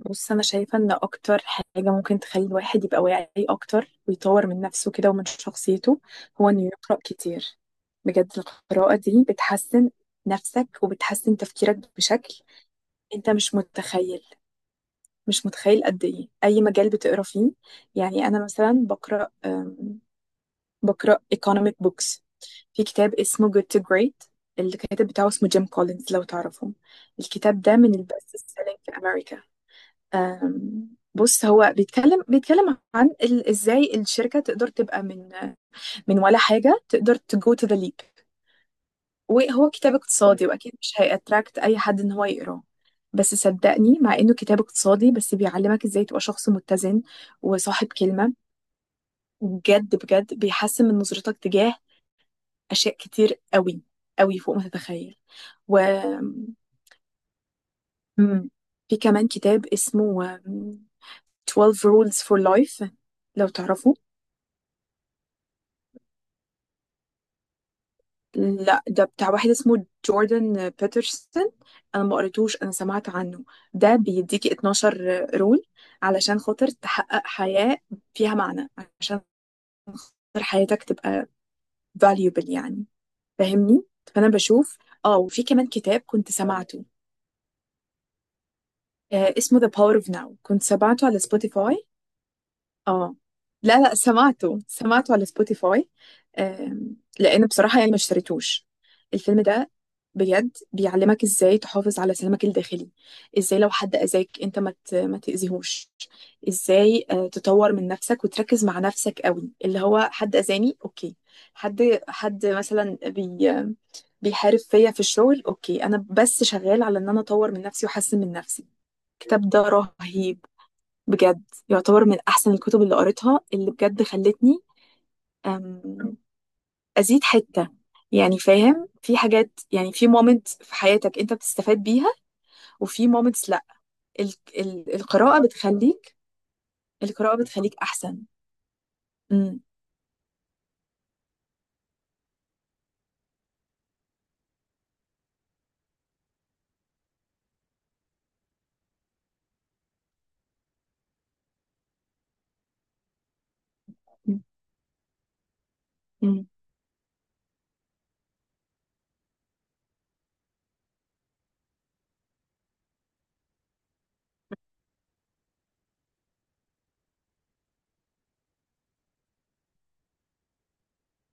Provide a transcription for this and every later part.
بص انا شايفه ان اكتر حاجه ممكن تخلي الواحد يبقى واعي اكتر ويطور من نفسه كده ومن شخصيته هو انه يقرا كتير. بجد القراءه دي بتحسن نفسك وبتحسن تفكيرك بشكل، انت مش متخيل. مش متخيل قد ايه اي مجال بتقرا فيه. يعني انا مثلا بقرا بقرا economic books. في كتاب اسمه Good to Great، الكاتب بتاعه اسمه جيم كولينز، لو تعرفه. الكتاب ده من البست سيلينج في امريكا. آم، بص، هو بيتكلم عن ازاي الشركه تقدر تبقى من ولا حاجه تقدر تجو تو ذا ليب. وهو كتاب اقتصادي، واكيد مش هيأتراكت اي حد ان هو يقراه، بس صدقني مع انه كتاب اقتصادي، بس بيعلمك ازاي تبقى شخص متزن وصاحب كلمه. بجد بجد بيحسن من نظرتك تجاه اشياء كتير قوي، قوي فوق ما تتخيل. و مم. في كمان كتاب اسمه 12 rules for life، لو تعرفوا. لا، ده بتاع واحد اسمه جوردن بيترسون. انا ما قريتوش، انا سمعت عنه. ده بيديكي 12 رول علشان خاطر تحقق حياة فيها معنى، عشان خاطر حياتك تبقى valuable يعني، فاهمني؟ فانا بشوف. اه وفي كمان كتاب كنت سمعته، آه اسمه The Power of Now، كنت سمعته على سبوتيفاي. اه لا لا، سمعته سمعته على سبوتيفاي. لان بصراحه يعني ما اشتريتوش الفيلم ده. بجد بيعلمك ازاي تحافظ على سلامك الداخلي، ازاي لو حد اذاك انت ما تاذيهوش، ازاي تطور من نفسك وتركز مع نفسك قوي. اللي هو حد اذاني، اوكي، حد مثلا بيحارب فيا في الشغل. اوكي، انا بس شغال على ان انا اطور من نفسي واحسن من نفسي. الكتاب ده رهيب بجد. يعتبر من احسن الكتب اللي قريتها، اللي بجد خلتني أم، ازيد حتة، يعني فاهم؟ في حاجات يعني في مومنت في حياتك انت بتستفاد بيها، وفي مومنتس لا. ال القراءة بتخليك، القراءة بتخليك احسن. مم. مم.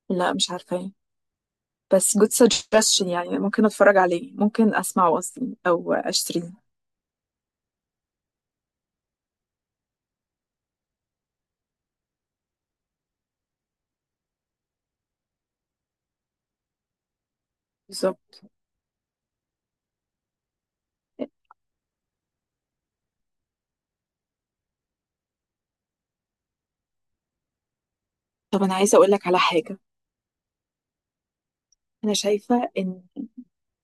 لا، مش عارفة. بس good suggestion يعني، ممكن اتفرج عليه، ممكن اسمعه اصلا او اشتريه. بالظبط. طب انا عايزة اقول لك على حاجة. انا شايفة ان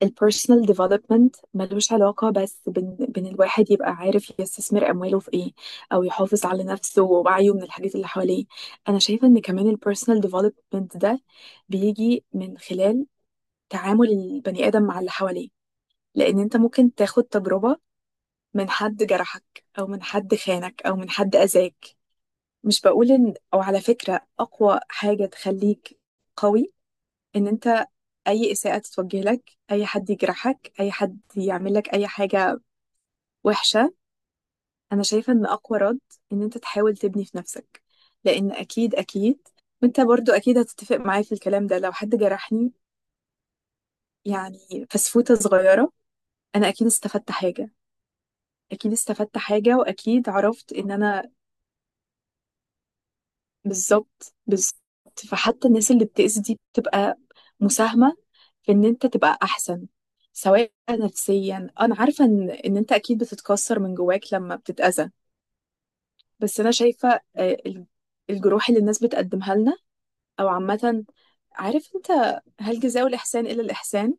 البيرسونال ديفلوبمنت ملوش علاقة بس بين الواحد يبقى عارف يستثمر أمواله في إيه، أو يحافظ على نفسه ووعيه من الحاجات اللي حواليه. أنا شايفة إن كمان البيرسونال ديفلوبمنت ده بيجي من خلال تعامل البني آدم مع اللي حواليه. لأن أنت ممكن تاخد تجربة من حد جرحك، أو من حد خانك، أو من حد أذاك. مش بقول إن، أو على فكرة، أقوى حاجة تخليك قوي إن أنت، أي إساءة تتوجه لك، أي حد يجرحك، أي حد يعمل لك أي حاجة وحشة، أنا شايفة إن أقوى رد إن أنت تحاول تبني في نفسك. لأن أكيد أكيد. وأنت برضو أكيد هتتفق معايا في الكلام ده. لو حد جرحني يعني فسفوتة صغيرة، أنا أكيد استفدت حاجة. أكيد استفدت حاجة، وأكيد عرفت إن أنا. بالظبط، بالظبط. فحتى الناس اللي بتأذي دي بتبقى مساهمة في إن أنت تبقى أحسن، سواء نفسيا. أنا عارفة إن أنت أكيد بتتكسر من جواك لما بتتأذى. بس أنا شايفة الجروح اللي الناس بتقدمها لنا، او عامه، عارف انت، هل جزاء الاحسان الا الاحسان؟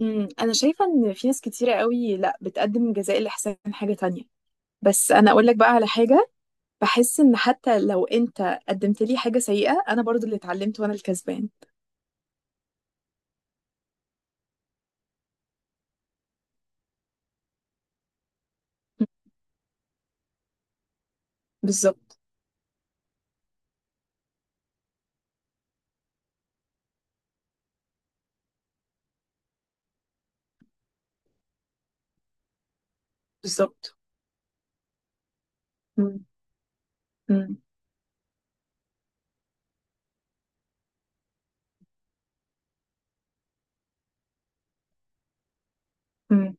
انا شايفه ان في ناس كتيره قوي لا بتقدم جزاء الاحسان حاجه تانية. بس انا اقول لك بقى على حاجه، بحس ان حتى لو انت قدمت لي حاجه سيئه، انا برضو اللي اتعلمت وانا الكسبان. مم. بالظبط بالظبط. مم. مم. مم.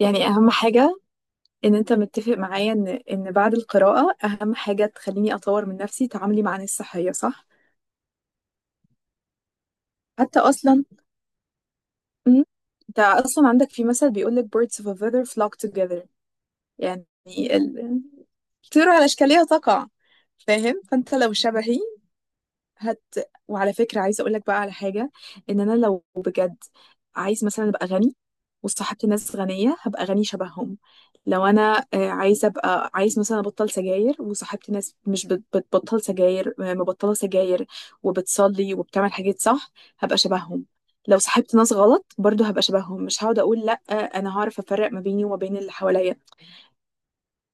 يعني اهم حاجه، ان انت متفق معايا ان بعد القراءه اهم حاجه تخليني اطور من نفسي تعاملي مع ناس صحيه، صح؟ حتى اصلا. مم. انت اصلا عندك في مثل بيقول لك birds of a feather flock together، يعني ال- الطير على اشكالها تقع. فاهم؟ فانت لو شبهي هت وعلى فكرة عايزة اقول لك بقى على حاجة، ان انا لو بجد عايز مثلا ابقى غني وصاحبت ناس غنية، هبقى غني شبههم. لو انا عايزة ابقى، عايز مثلا ابطل سجاير وصاحبت ناس مش بت- بتبطل سجاير، مبطلة سجاير وبتصلي وبتعمل حاجات صح، هبقى شبههم. لو صاحبت ناس غلط برضو هبقى شبههم. مش هقعد اقول لا، انا هعرف افرق ما بيني وما بين اللي حواليا.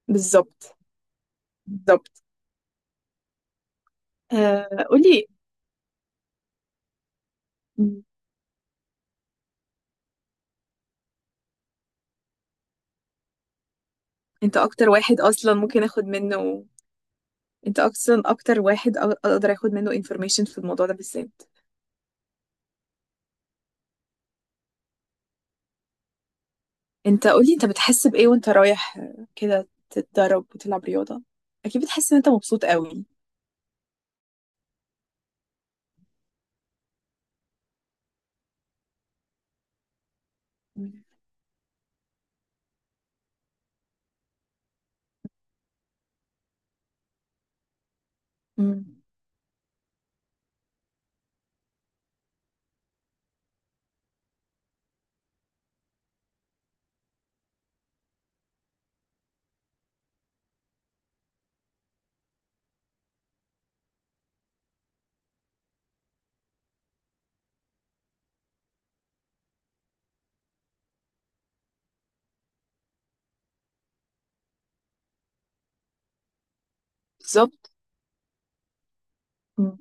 بالظبط بالظبط. آه قولي. م، انت اكتر واحد اصلا ممكن اخد منه، انت اصلا اكتر واحد اقدر اخد منه information في الموضوع ده بالذات. انت قولي، انت بتحس بايه وانت رايح كده تتدرب وتلعب رياضة؟ اكيد بتحس ان انت مبسوط قوي. مم. بالظبط. مم.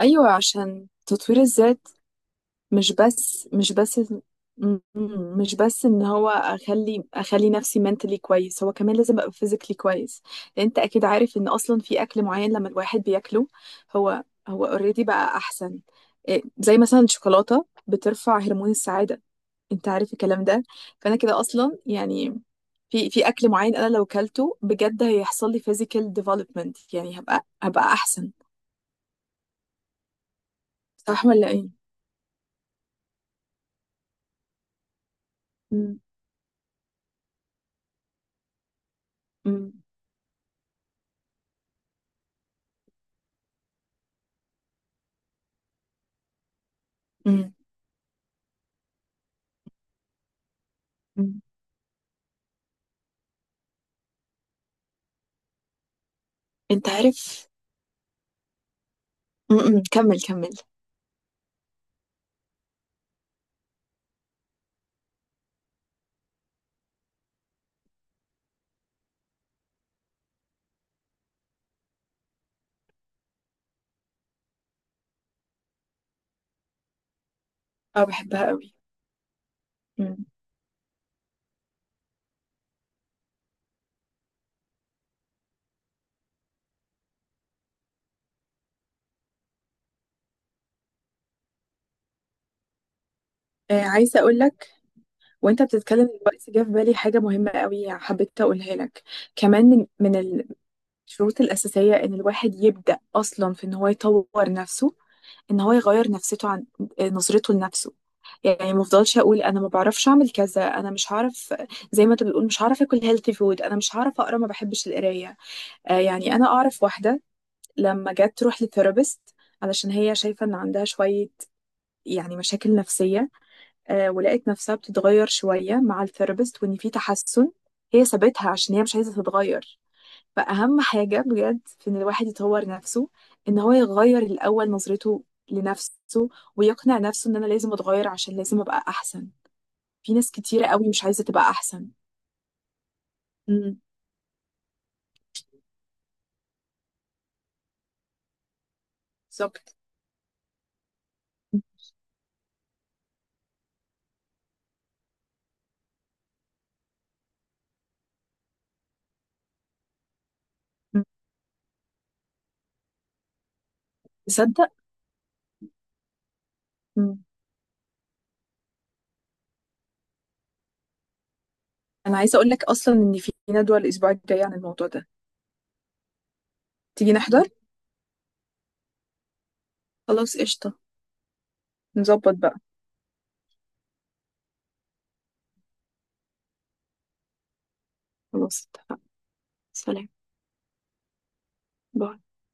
ايوه، عشان تطوير الذات، مش بس م- مش بس ان هو اخلي نفسي mentally كويس، هو كمان لازم ابقى physically كويس. لان انت اكيد عارف ان اصلا في اكل معين لما الواحد بياكله، هو اوريدي بقى احسن. إيه، زي مثلا الشوكولاته بترفع هرمون السعاده، انت عارف الكلام ده. فانا كده اصلا يعني في اكل معين انا لو كلته بجد هيحصل لي physical development، يعني هبقى احسن، صح ولا ايه؟ م- م- م- م. انت عارف؟ م- م. كمل كمل. اه بحبها قوي. م. آه عايزة اقول لك، وانت بتتكلم دلوقتي جه في بالي حاجة مهمة قوي، حبيت اقولها لك. كمان من الشروط الأساسية ان الواحد يبدأ اصلا في ان هو يطور نفسه، ان هو يغير نفسيته عن نظرته لنفسه. يعني ما افضلش اقول انا ما بعرفش اعمل كذا، انا مش هعرف. زي ما انت بتقول مش هعرف اكل هيلثي فود، انا مش هعرف اقرا، ما بحبش القرايه. يعني انا اعرف واحده لما جت تروح لثيرابيست علشان هي شايفه ان عندها شويه يعني مشاكل نفسية، ولقيت نفسها بتتغير شوية مع الثيرابيست، وإن في تحسن، هي سابتها عشان هي مش عايزة تتغير. فأهم حاجة بجد في إن الواحد يطور نفسه، إن هو يغير الأول نظرته لنفسه، ويقنع نفسه إن أنا لازم أتغير عشان لازم أبقى أحسن. في ناس كتيرة قوي مش عايزة تبقى أحسن. امم بالظبط. أمم. تصدق. أمم. أنا عايزة أقول لك أصلا إن في ندوة الأسبوع الجاي عن الموضوع ده. تيجي نحضر. خلاص قشطة. نظبط بقى. خلاص اتفقنا. سلام. باي.